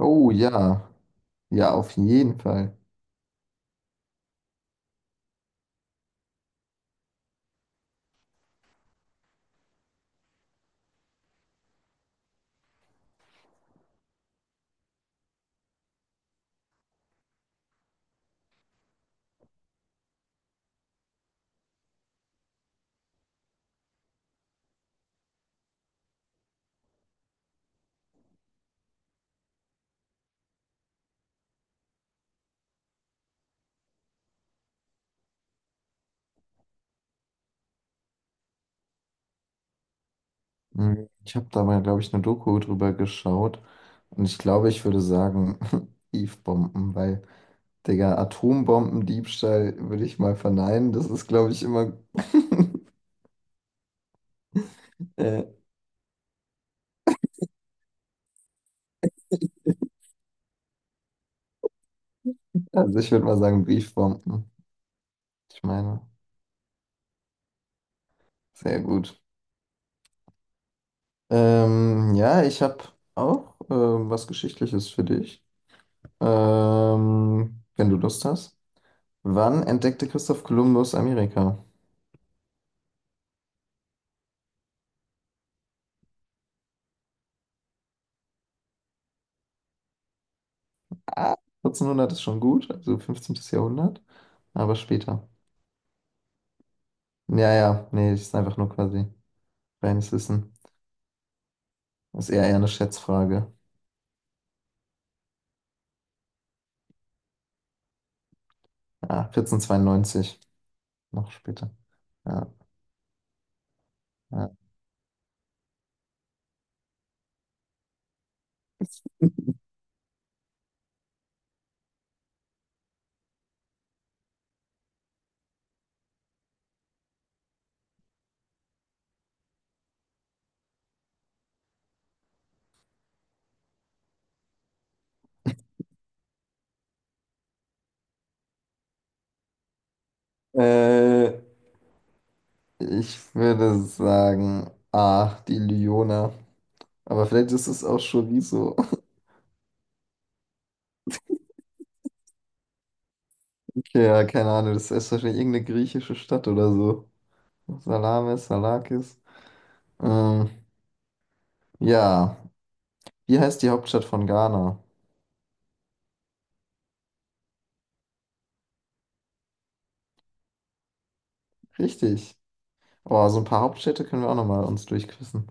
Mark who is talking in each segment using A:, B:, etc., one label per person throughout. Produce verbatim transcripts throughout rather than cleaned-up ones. A: Oh ja, ja, auf jeden Fall. Mhm. Ich habe da mal, glaube ich, eine Doku drüber geschaut und ich glaube, ich würde sagen, Eve-Bomben, weil, Digga, Atombombendiebstahl würde ich mal verneinen. Das ist, glaube ich, immer, äh, also ich würde mal sagen, Briefbomben. Ich meine, sehr gut. Ähm, ja, ich habe auch ähm, was Geschichtliches für dich, ähm, wenn du Lust hast. Wann entdeckte Christoph Kolumbus Amerika? Ah, vierzehnhundert ist schon gut, also fünfzehnte. Jahrhundert, aber später. Ja, ja, nee, das ist einfach nur quasi reines Wissen. Das ist eher, eher eine Schätzfrage. Ja, vierzehnhundertzweiundneunzig, noch später. Ja, ja. Äh, Ich würde sagen, ah, die Lyona. Aber vielleicht ist es auch Chorizo. Okay, ja, keine Ahnung, das ist wahrscheinlich irgendeine griechische Stadt oder so. Salamis, Salakis. Ähm, ja, wie heißt die Hauptstadt von Ghana? Richtig. Oh, so ein paar Hauptstädte können wir auch nochmal uns durchquissen.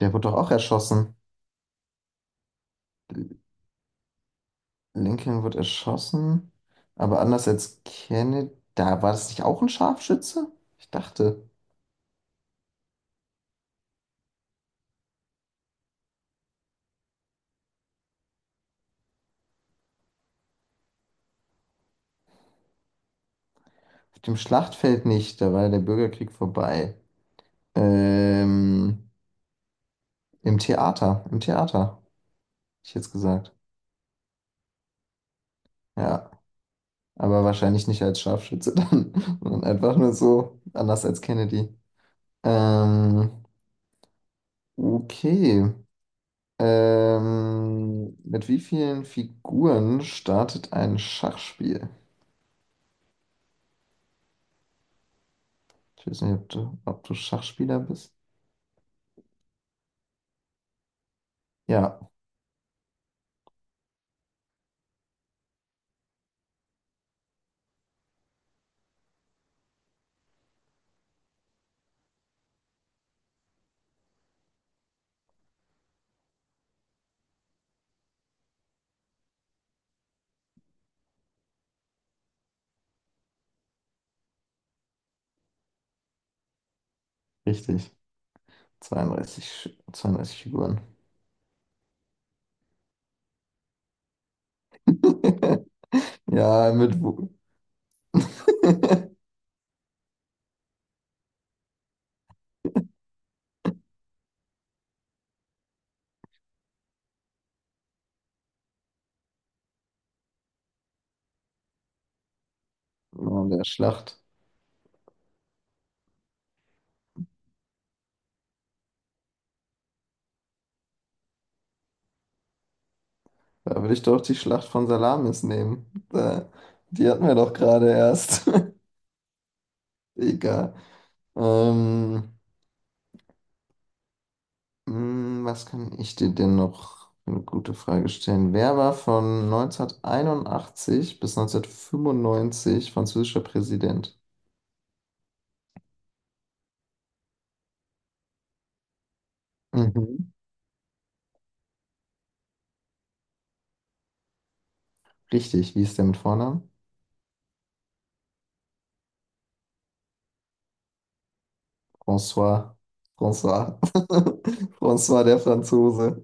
A: Der wurde doch auch erschossen. Lincoln wird erschossen, aber anders als Kennedy. Da war das nicht auch ein Scharfschütze? Ich dachte, auf dem Schlachtfeld nicht, da war ja der Bürgerkrieg vorbei. Ähm, im Theater, im Theater, hätte ich jetzt gesagt. Ja, aber wahrscheinlich nicht als Scharfschütze dann, sondern einfach nur so, anders als Kennedy. Ähm, okay. Ähm, mit wie vielen Figuren startet ein Schachspiel? Ich weiß nicht, ob du, ob du Schachspieler bist. Ja, richtig. zweiunddreißig, Sch- zweiunddreißig Figuren. Ja, mit wo? Oh, der Schlacht. Da würde ich doch die Schlacht von Salamis nehmen. Da, die hatten wir doch gerade erst. Egal. Ähm, Hm, Was kann ich dir denn noch eine gute Frage stellen? Wer war von neunzehnhunderteinundachtzig bis neunzehnhundertfünfundneunzig französischer Präsident? Mhm. Richtig, wie ist der mit Vornamen? François. François. François der Franzose.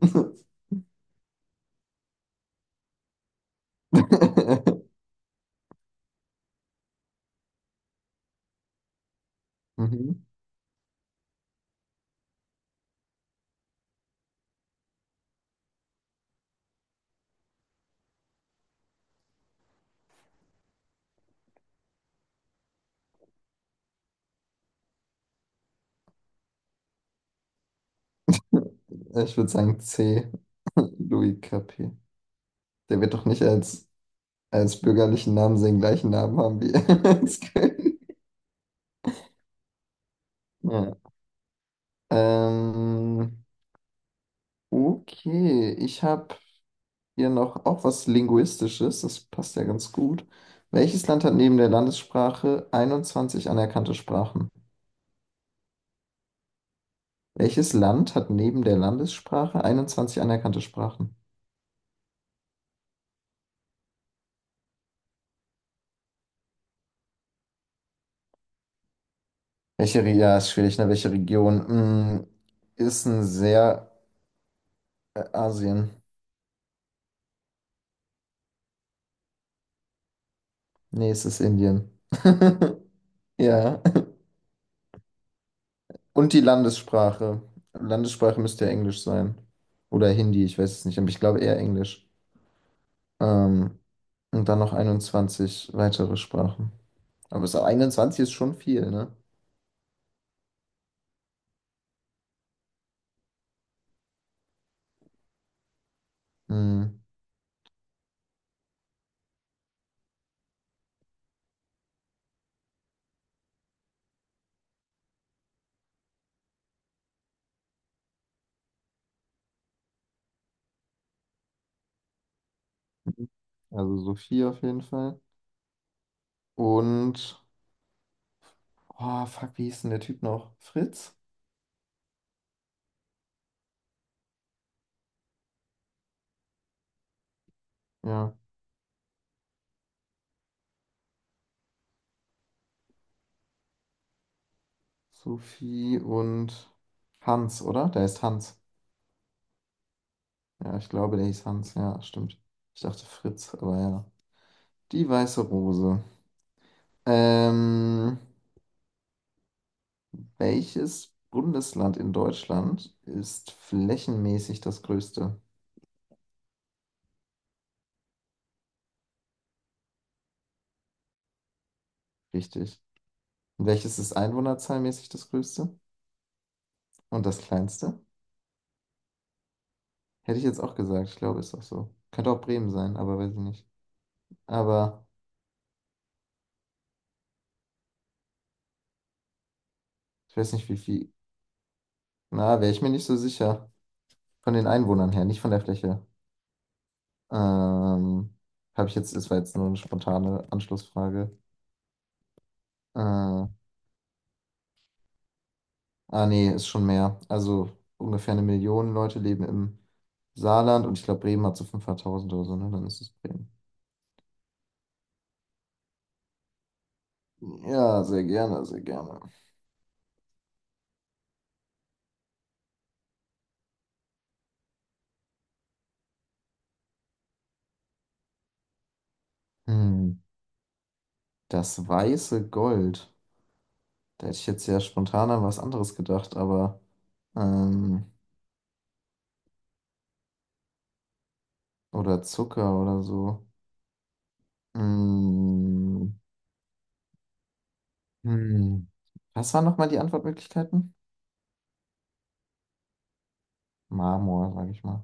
A: Mhm. Ich würde sagen C. Louis Capet. Der wird doch nicht als, als bürgerlichen Namen seinen gleichen Namen haben wie als König. Ja. Ähm, okay, ich habe hier noch auch was Linguistisches, das passt ja ganz gut. Welches Land hat neben der Landessprache einundzwanzig anerkannte Sprachen? Welches Land hat neben der Landessprache einundzwanzig anerkannte Sprachen? Welche, Re- ja, ist schwierig, ne? Welche Region? Mm, ist ein sehr äh, Asien. Nee, es ist Indien. Ja. Und die Landessprache. Landessprache müsste ja Englisch sein. Oder Hindi, ich weiß es nicht, aber ich glaube eher Englisch. Ähm, und dann noch einundzwanzig weitere Sprachen. Aber so einundzwanzig ist schon viel, ne? Mhm. Also Sophie auf jeden Fall. Und, oh, fuck, wie hieß denn der Typ noch? Fritz? Ja, Sophie und Hans, oder? Der ist Hans. Ja, ich glaube, der hieß Hans. Ja, stimmt. Ich dachte Fritz, aber ja. Die weiße Rose. Ähm, welches Bundesland in Deutschland ist flächenmäßig das größte? Richtig. Und welches ist einwohnerzahlmäßig das größte und das kleinste? Hätte ich jetzt auch gesagt, ich glaube, ist auch so. Könnte auch Bremen sein, aber weiß ich nicht. Aber ich weiß nicht, wie viel. Na, wäre ich mir nicht so sicher. Von den Einwohnern her, nicht von der Fläche. Ähm, habe ich jetzt, das war jetzt nur eine spontane Anschlussfrage. Äh, ah, nee, ist schon mehr. Also ungefähr eine Million Leute leben im Saarland und ich glaube, Bremen hat so fünfhunderttausend oder so, ne? Dann ist es Bremen. Ja, sehr gerne, sehr gerne. Hm, das weiße Gold. Da hätte ich jetzt ja spontan an was anderes gedacht, aber ähm, oder Zucker oder so. Mm, hm. Was waren nochmal die Antwortmöglichkeiten? Marmor, sage ich mal.